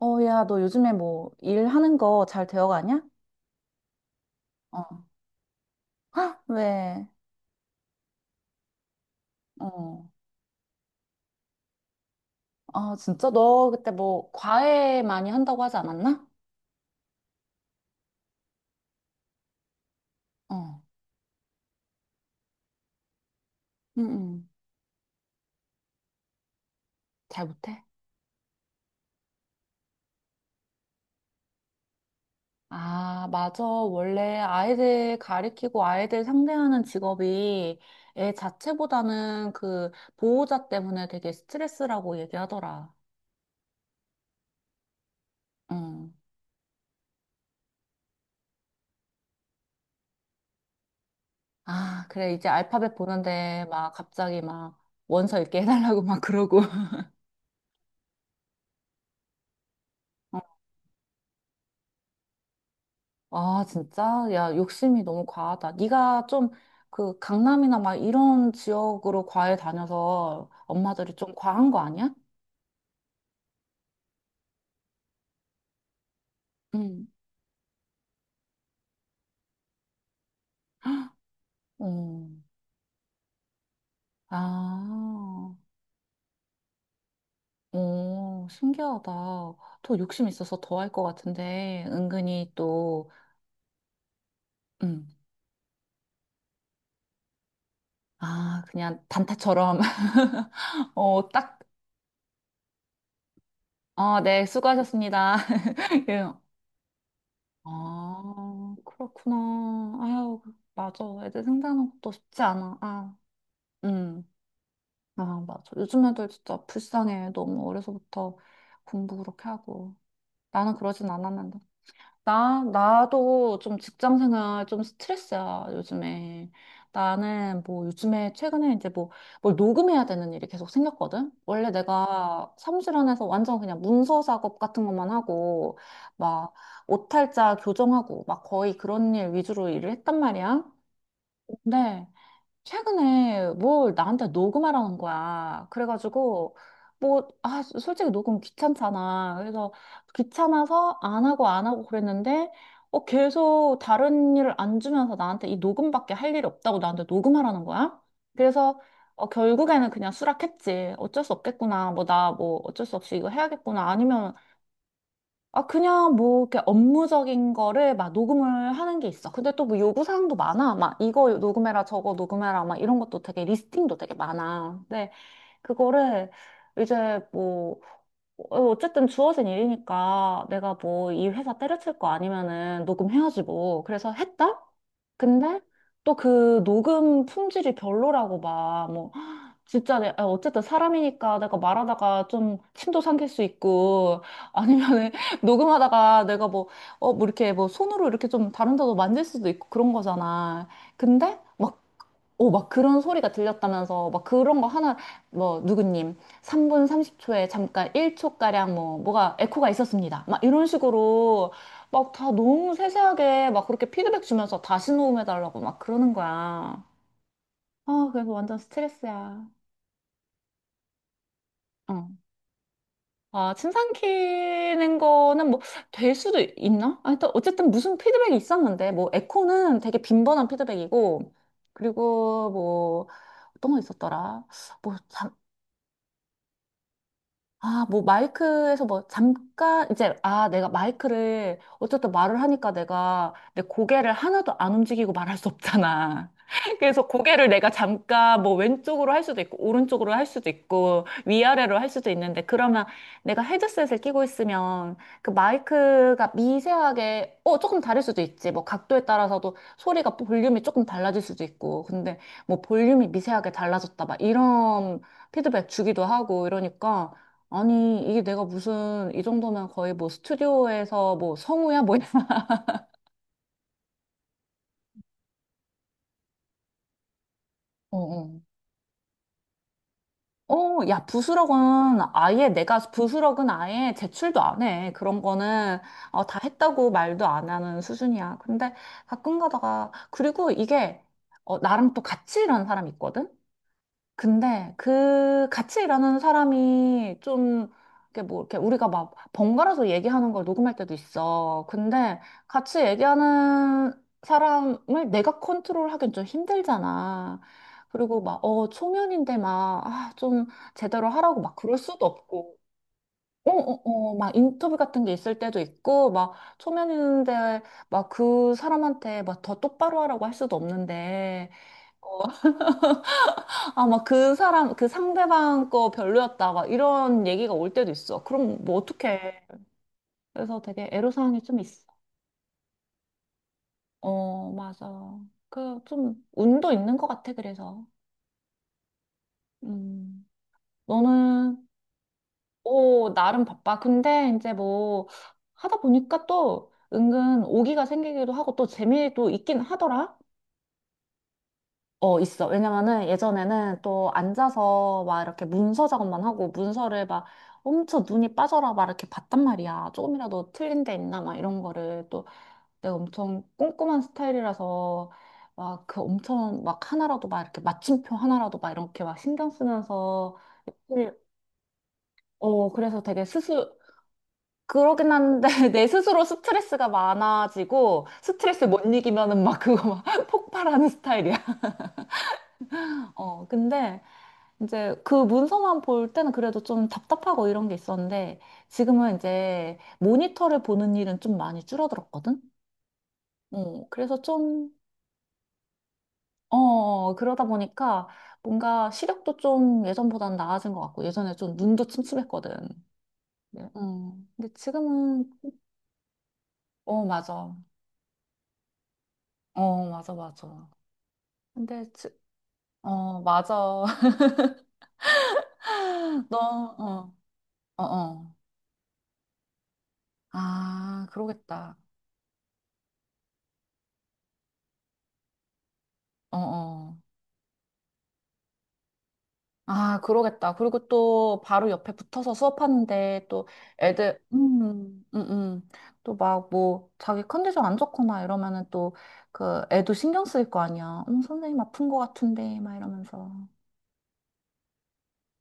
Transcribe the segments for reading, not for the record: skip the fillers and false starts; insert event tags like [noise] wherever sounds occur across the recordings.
어, 야, 너 요즘에 뭐 일하는 거 잘 되어가냐? 어. 헉, 왜? 어. 아, 진짜? 너 그때 뭐 과외 많이 한다고 하지 않았나? 어. 응, 응. 잘 못해? 아, 맞아. 원래 아이들 가리키고 아이들 상대하는 직업이 애 자체보다는 그 보호자 때문에 되게 스트레스라고 얘기하더라. 응. 아, 그래. 이제 알파벳 보는데 막 갑자기 막 원서 읽게 해달라고 막 그러고. [laughs] 아, 진짜? 야, 욕심이 너무 과하다. 네가 좀 그 강남이나 막 이런 지역으로 과외 다녀서 엄마들이 좀 과한 거 아니야? 응. 어. 아, 오, 신기하다. 더 욕심 있어서 더 할 것 같은데, 은근히 또, 음, 아, 그냥 단타처럼, [laughs] 어, 딱, 아, 네, 수고하셨습니다. [laughs] 예. 아, 그렇구나. 아유, 맞아. 애들 생각하는 것도 쉽지 않아. 아. 음, 아, 맞아. 요즘 애들 진짜 불쌍해. 너무 어려서부터 공부 그렇게 하고. 나는 그러진 않았는데. 나도 좀 직장 생활 좀 스트레스야, 요즘에. 나는 뭐 요즘에 최근에 이제 뭐 뭘 녹음해야 되는 일이 계속 생겼거든? 원래 내가 사무실 안에서 완전 그냥 문서 작업 같은 것만 하고, 막 오탈자 교정하고, 막 거의 그런 일 위주로 일을 했단 말이야. 근데 최근에 뭘 나한테 녹음하라는 거야. 그래가지고, 뭐, 아, 솔직히 녹음 귀찮잖아. 그래서 귀찮아서 안 하고 안 하고 그랬는데, 어, 계속 다른 일을 안 주면서 나한테 이 녹음밖에 할 일이 없다고 나한테 녹음하라는 거야. 그래서, 어, 결국에는 그냥 수락했지. 어쩔 수 없겠구나. 뭐, 나 뭐 어쩔 수 없이 이거 해야겠구나. 아니면 아, 그냥 뭐, 이렇게 업무적인 거를 막 녹음을 하는 게 있어. 근데 또 뭐 요구사항도 많아. 막 이거 녹음해라, 저거 녹음해라, 막 이런 것도 되게 리스팅도 되게 많아. 근데 그거를 이제 뭐, 어, 어쨌든 주어진 일이니까 내가 뭐 이 회사 때려칠 거 아니면은 녹음해야지 뭐. 그래서 했다? 근데 또 그 녹음 품질이 별로라고 막, 뭐 진짜 내, 아, 어쨌든 사람이니까 내가 말하다가 좀 침도 삼킬 수 있고 아니면은 [laughs] 녹음하다가 내가 뭐, 어, 뭐 이렇게 뭐 손으로 이렇게 좀 다른 데도 만질 수도 있고 그런 거잖아. 근데 막, 어, 막 그런 소리가 들렸다면서 막 그런 거 하나 뭐 누구님 3분 30초에 잠깐 1초가량 뭐가 에코가 있었습니다. 막 이런 식으로 막 다 너무 세세하게 막 그렇게 피드백 주면서 다시 녹음해달라고 막 그러는 거야. 아, 그래서 완전 스트레스야. 어. 아, 침 삼키는 거는 뭐, 될 수도 있나? 아, 일단, 어쨌든 무슨 피드백이 있었는데, 뭐, 에코는 되게 빈번한 피드백이고, 그리고 뭐, 어떤 거 있었더라? 뭐, 아, 뭐 마이크에서 뭐 잠깐 이제 아, 내가 마이크를 어쨌든 말을 하니까 내가 내 고개를 하나도 안 움직이고 말할 수 없잖아. [laughs] 그래서 고개를 내가 잠깐 뭐 왼쪽으로 할 수도 있고 오른쪽으로 할 수도 있고 위아래로 할 수도 있는데 그러면 내가 헤드셋을 끼고 있으면 그 마이크가 미세하게 어 조금 다를 수도 있지. 뭐 각도에 따라서도 소리가 볼륨이 조금 달라질 수도 있고. 근데 뭐 볼륨이 미세하게 달라졌다 막 이런 피드백 주기도 하고 이러니까 아니, 이게 내가 무슨, 이 정도면 거의 뭐 스튜디오에서 뭐 성우야? 뭐이 [laughs] 어, 어. 어, 야, 부스럭은 아예 내가 부스럭은 아예 제출도 안 해. 그런 거는 어, 다 했다고 말도 안 하는 수준이야. 근데 가끔 가다가 그리고 이게 어, 나랑 또 같이 일하는 사람이 있거든? 근데 그 같이 일하는 사람이 좀 이렇게 뭐 이렇게 우리가 막 번갈아서 얘기하는 걸 녹음할 때도 있어. 근데 같이 얘기하는 사람을 내가 컨트롤하긴 좀 힘들잖아. 그리고 막, 어, 초면인데 막, 아, 좀 제대로 하라고 막 그럴 수도 없고. 어, 어, 어, 막 인터뷰 같은 게 있을 때도 있고, 막 초면인데 막 그 사람한테 막 더 똑바로 하라고 할 수도 없는데. 아, 막 그 사람, 그 상대방 거 별로였다. 막 이런 얘기가 올 때도 있어. 그럼 뭐 어떡해. 그래서 되게 애로사항이 좀 있어. 어, 맞아. 그 좀 운도 있는 것 같아, 그래서. 음, 너는, 오, 나름 바빠. 근데 이제 뭐 하다 보니까 또 은근 오기가 생기기도 하고 또 재미도 있긴 하더라. 어, 있어. 왜냐면은 예전에는 또 앉아서 막 이렇게 문서 작업만 하고 문서를 막 엄청 눈이 빠져라 막 이렇게 봤단 말이야. 조금이라도 틀린 데 있나 막 이런 거를 또 내가 엄청 꼼꼼한 스타일이라서 막 그 엄청 막 하나라도 막 이렇게 마침표 하나라도 막 이렇게 막 신경 쓰면서 예쁘게- 어, 그래서 되게 스스 그러긴 한데 [laughs] 내 스스로 스트레스가 많아지고 스트레스 못 이기면은 막 그거 막 [laughs] 폭발하는 스타일이야. 어, 근데 이제 그 문서만 볼 때는 그래도 좀 답답하고 이런 게 있었는데 지금은 이제 모니터를 보는 일은 좀 많이 줄어들었거든? 어, 그래서 좀, 어, 어, 그러다 보니까 뭔가 시력도 좀 예전보다는 나아진 것 같고 예전에 좀 눈도 침침했거든. 네. 어, 근데 지금은, 어, 맞아. 어, 맞아, 맞아. 근데, 지, 어, 맞아. [laughs] 너, 어, 어, 어. 아, 그러겠다. 어, 어. 아, 그러겠다. 그리고 또 바로 옆에 붙어서 수업하는데 또 애들, 또 막 뭐 자기 컨디션 안 좋거나 이러면은 또 그 애도 신경 쓰일 거 아니야. 선생님 아픈 거 같은데 막 이러면서.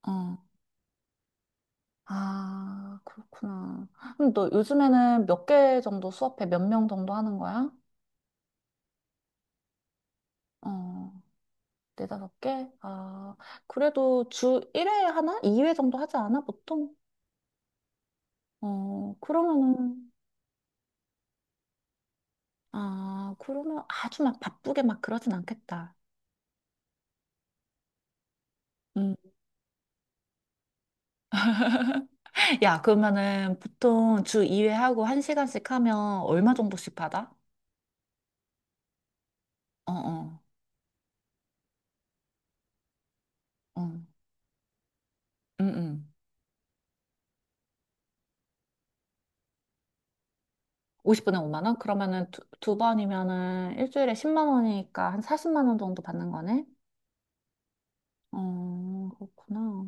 어. 아, 그렇구나. 그럼 너 요즘에는 몇 개 정도 수업해? 몇 명 정도 하는 거야? 어, 네다섯 개? 아, 그래도 주 1회 하나? 2회 정도 하지 않아? 보통? 어, 그러면은. 아, 그러면 아주 막 바쁘게 막 그러진 않겠다. 음. 야, 그러면은 보통 주 2회 하고 1시간씩 하면 얼마 정도씩 받아? 어, 어, 어. 음. 50분에 5만 원? 그러면은 두 번이면은 일주일에 10만 원이니까 한 40만 원 정도 받는 거네? 어, 그렇구나.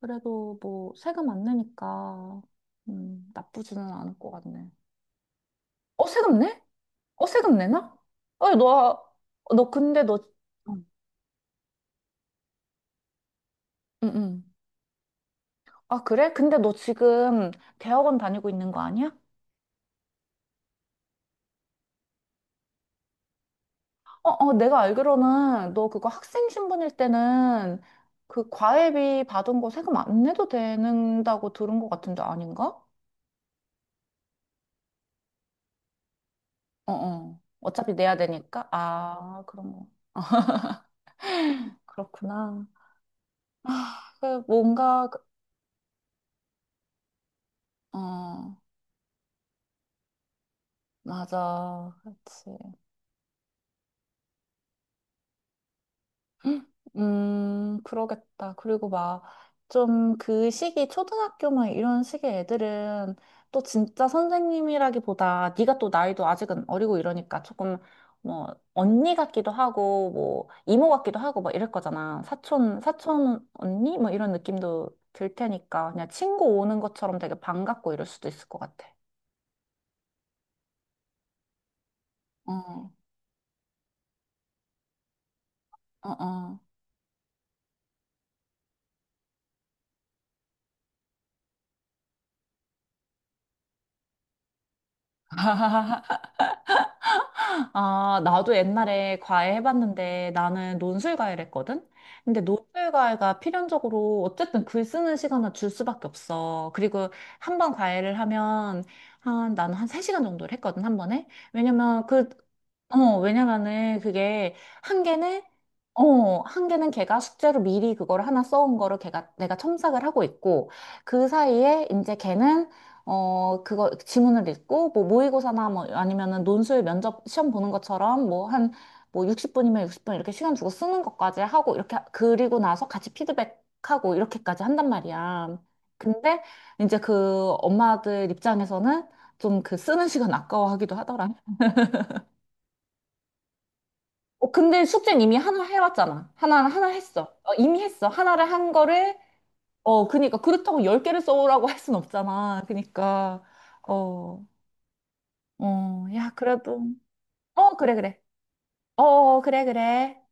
그래도 뭐 세금 안 내니까 나쁘지는 않을 것 같네. 어, 세금 내? 어, 세금 내나? 어, 너, 너 근데 너, 응 응, 응. 아, 그래? 근데 너 지금 대학원 다니고 있는 거 아니야? 어, 어, 내가 알기로는 너 그거 학생 신분일 때는 그 과외비 받은 거 세금 안 내도 되는다고 들은 것 같은데 아닌가? 어, 어. 어차피 내야 되니까. 아, 그런 거. 그렇구나. 아, 그 뭔가, 그- 어, 맞아. 그렇지. 그러겠다. 그리고 막, 좀 그 시기, 초등학교 막 이런 시기의 애들은 또 진짜 선생님이라기보다 네가 또 나이도 아직은 어리고 이러니까 조금 뭐, 언니 같기도 하고, 뭐, 이모 같기도 하고 막 이럴 거잖아. 사촌 언니? 뭐 이런 느낌도 들 테니까 그냥 친구 오는 것처럼 되게 반갑고 이럴 수도 있을 것 같아. 어, 어, 어. [laughs] 아, 나도 옛날에 과외 해봤는데 나는 논술 과외를 했거든? 근데 논술 과외가 필연적으로 어쨌든 글 쓰는 시간을 줄 수밖에 없어. 그리고 한 번 과외를 하면 한, 나는 한 3시간 정도를 했거든, 한 번에. 왜냐면 그, 어, 왜냐면은 그게 한 개는 어, 한 개는 걔가 숙제로 미리 그걸 하나 써온 거를 걔가 내가 첨삭을 하고 있고 그 사이에 이제 걔는 어, 그거 지문을 읽고 뭐 모의고사나 뭐 아니면은 논술 면접 시험 보는 것처럼 뭐 한 뭐 60분이면 60분 이렇게 시간 주고 쓰는 것까지 하고 이렇게 하- 그리고 나서 같이 피드백하고 이렇게까지 한단 말이야. 근데 이제 그 엄마들 입장에서는 좀 그 쓰는 시간 아까워하기도 하더라. 어, 근데 숙제는 이미 하나 해왔잖아. 하나 했어. 어, 이미 했어. 하나를 한 거를, 어, 그니까. 그렇다고 열 개를 써오라고 할 순 없잖아. 그니까, 어, 어, 야, 그래도. 어, 그래, 그래. 어, 어, 그래, 그래.